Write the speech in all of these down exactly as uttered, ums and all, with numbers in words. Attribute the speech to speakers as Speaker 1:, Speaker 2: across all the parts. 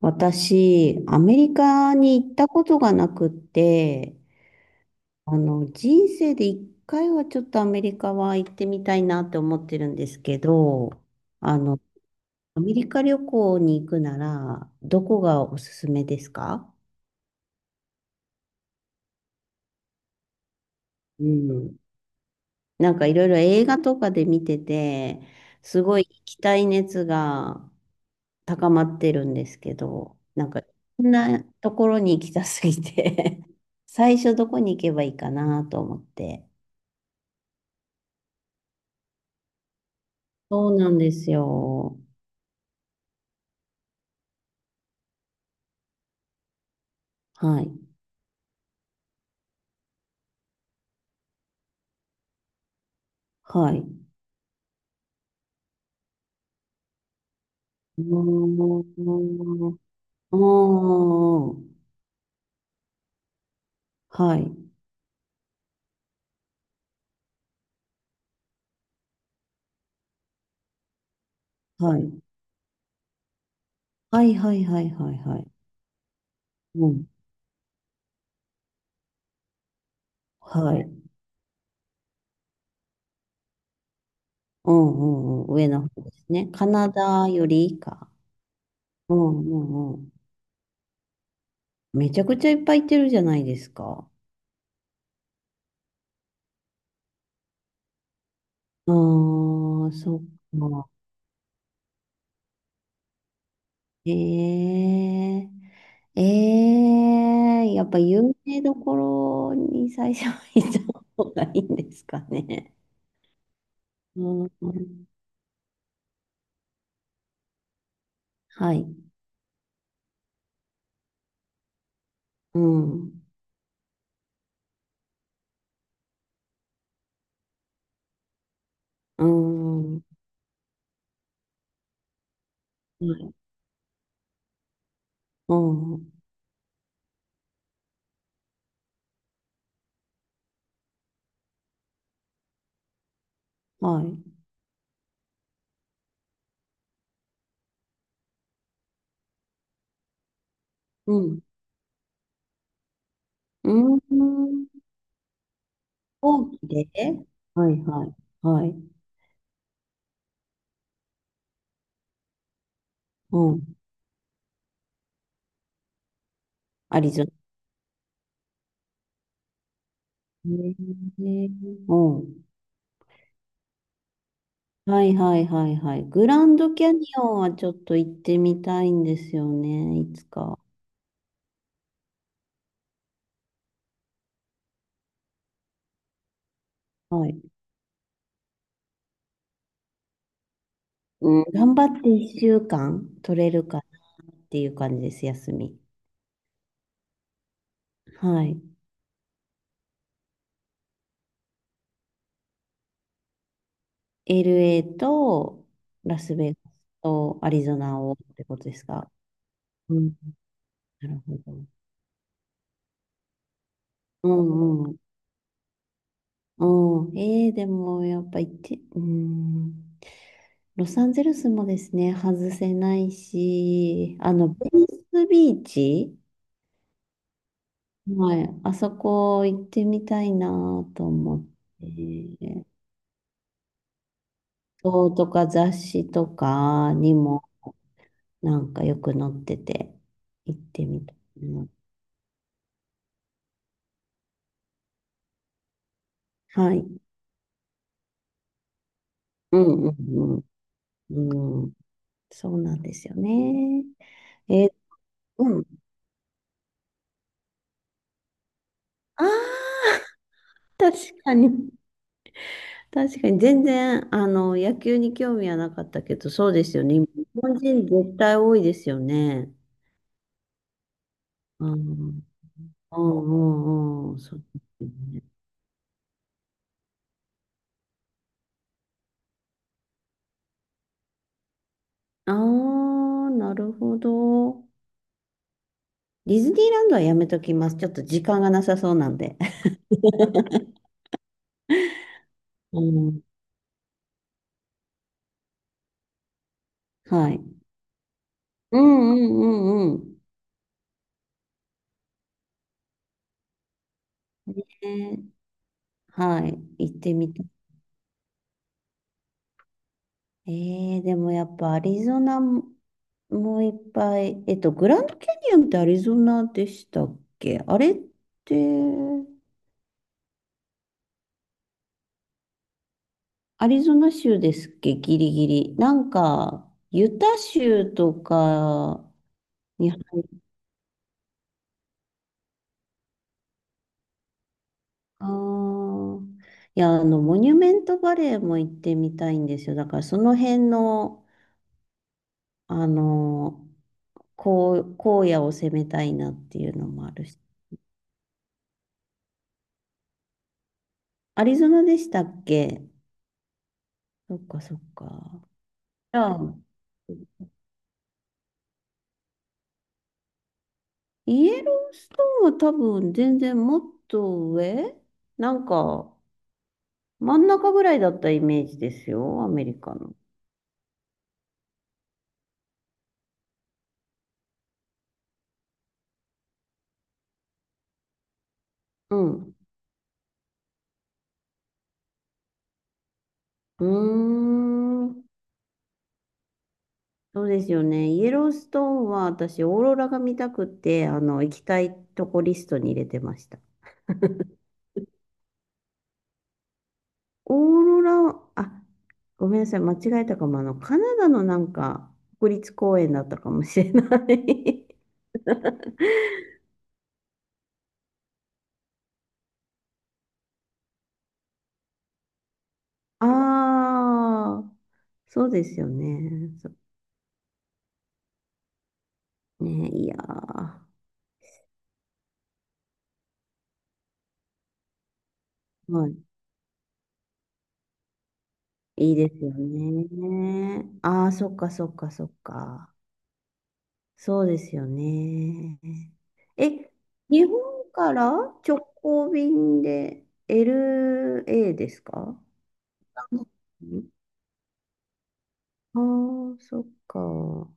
Speaker 1: 私、アメリカに行ったことがなくって、あの、人生で一回はちょっとアメリカは行ってみたいなって思ってるんですけど、あの、アメリカ旅行に行くなら、どこがおすすめですか？うん。なんかいろいろ映画とかで見てて、すごい行きたい熱が高まってるんですけど、なんか、こんなところに行きたすぎて 最初どこに行けばいいかなと思って。そうなんですよ。はい。はい。うーん。ああ。はい。はい。はいはいはいはいはい。うん。はい。うんうんうん。上の方ですね。カナダより以下。うんうんうん。めちゃくちゃいっぱい行ってるじゃないですか。ああ、そっか。ええええやっぱ有名どころに最初は行った方がいいんですかね？うん、はい。うん。うん。はい。うん。はい。うん。うん。大きではい、はい。はい。うん。アリゾナ。へうん。はい、はい、はい、はい。グランドキャニオンはちょっと行ってみたいんですよね。いつか。はい。うん。頑張っていっしゅうかん取れるかなっていう感じです、休み。はい。エルエー とラスベガスとアリゾナをってことですか？うん。なるほど。うんうん。うん。えー、でもやっぱ行って、うん。ロサンゼルスもですね、外せないし、あの、ベニスビーチ、はい、あそこ行ってみたいなと思って、そうとか雑誌とかにもなんかよく載ってて、行ってみたいな。はい。うんうんうんうん。そうなんですよね。えーうん。ああ確かに。確かに、全然、あの、野球に興味はなかったけど、そうですよね。日本人絶対多いですよね。うん、うん、うん、うん、そうですね。ああ、なるほど。ディズニーランドはやめときます。ちょっと時間がなさそうなんで。うん、はい。うん、うん、うん、うん。ねはい。行ってみたい。えー、でもやっぱアリゾナももいっぱい、えっと、グランドキャニオンってアリゾナでしたっけあれって、アリゾナ州ですっけ？ギリギリ。なんか、ユタ州とかに入る、あーいや、あの、モニュメントバレーも行ってみたいんですよ。だから、その辺の、あの、こう、荒野を攻めたいなっていうのもあるし。アリゾナでしたっけ？そっかそっか。ああ、イエローストーンは多分全然もっと上なんか真ん中ぐらいだったイメージですよ、アメリカの。うん。うーん。そうですよね。イエローストーンは私、オーロラが見たくて、あの、行きたいとこリストに入れてました。オーロラは、あ、ごめんなさい、間違えたかも。あの、カナダのなんか国立公園だったかもしれない ああ、そうですよね。ね、いやー、はい。いいですよね。ああ、そっかそっかそっか。そうですよね。え、日本から直行便で エルエー ですか？ああー、そっか。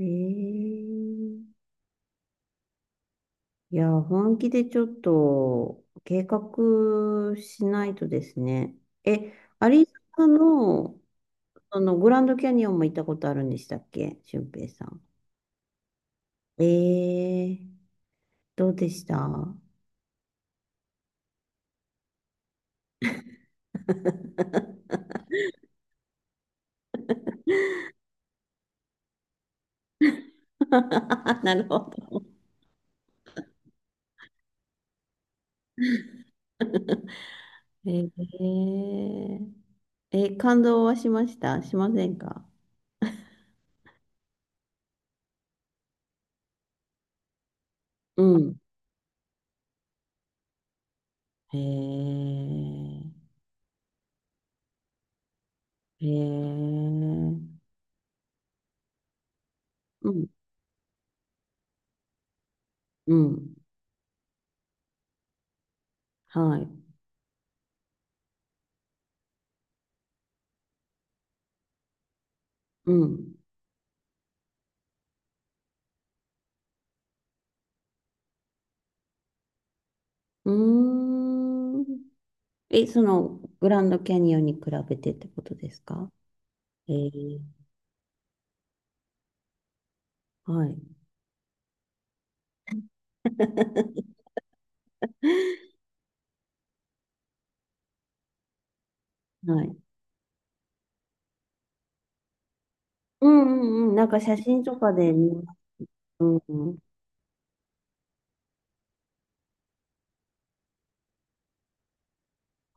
Speaker 1: ええいや、本気でちょっと計画しないとですね。え、アリゾナのあの、グランドキャニオンも行ったことあるんでしたっけ？俊平さん。ええどうでした？ なるほど。えええ、感動はしましたしませんか？うん。へえ、へえ、うん、うん、はい、うん。うーん。え、その、グランドキャニオンに比べてってことですか？ええ、はい、はい。うんうんうん。なんか写真とかで見ます。うんう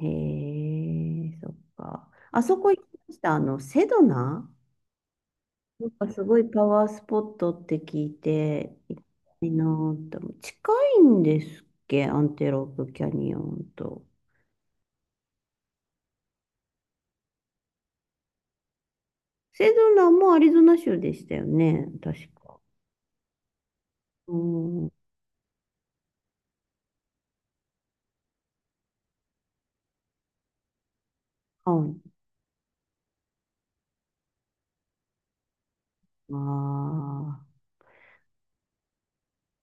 Speaker 1: ん。へえ、そっか。あそこ行きました。あの、セドナなんかすごいパワースポットって聞いて、行きたいなーって思う。近いんですっけ？アンテロープキャニオンと。セドナもアリゾナ州でしたよね。確か。うん。はい。あま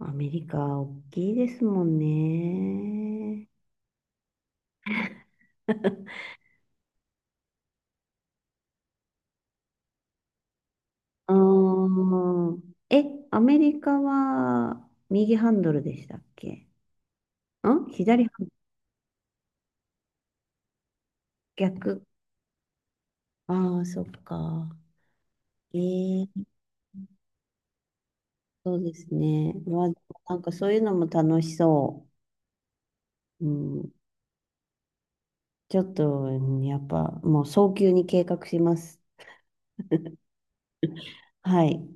Speaker 1: あ、アメリカ大きいですもんね。あーえ、アメリカは右ハンドルでしたっけ？ん、左ハンドル？逆。ああ、そっか。ええそうですね。まあ、なんかそういうのも楽しそう。うん、ちょっと、うんやっぱもう早急に計画します。はい。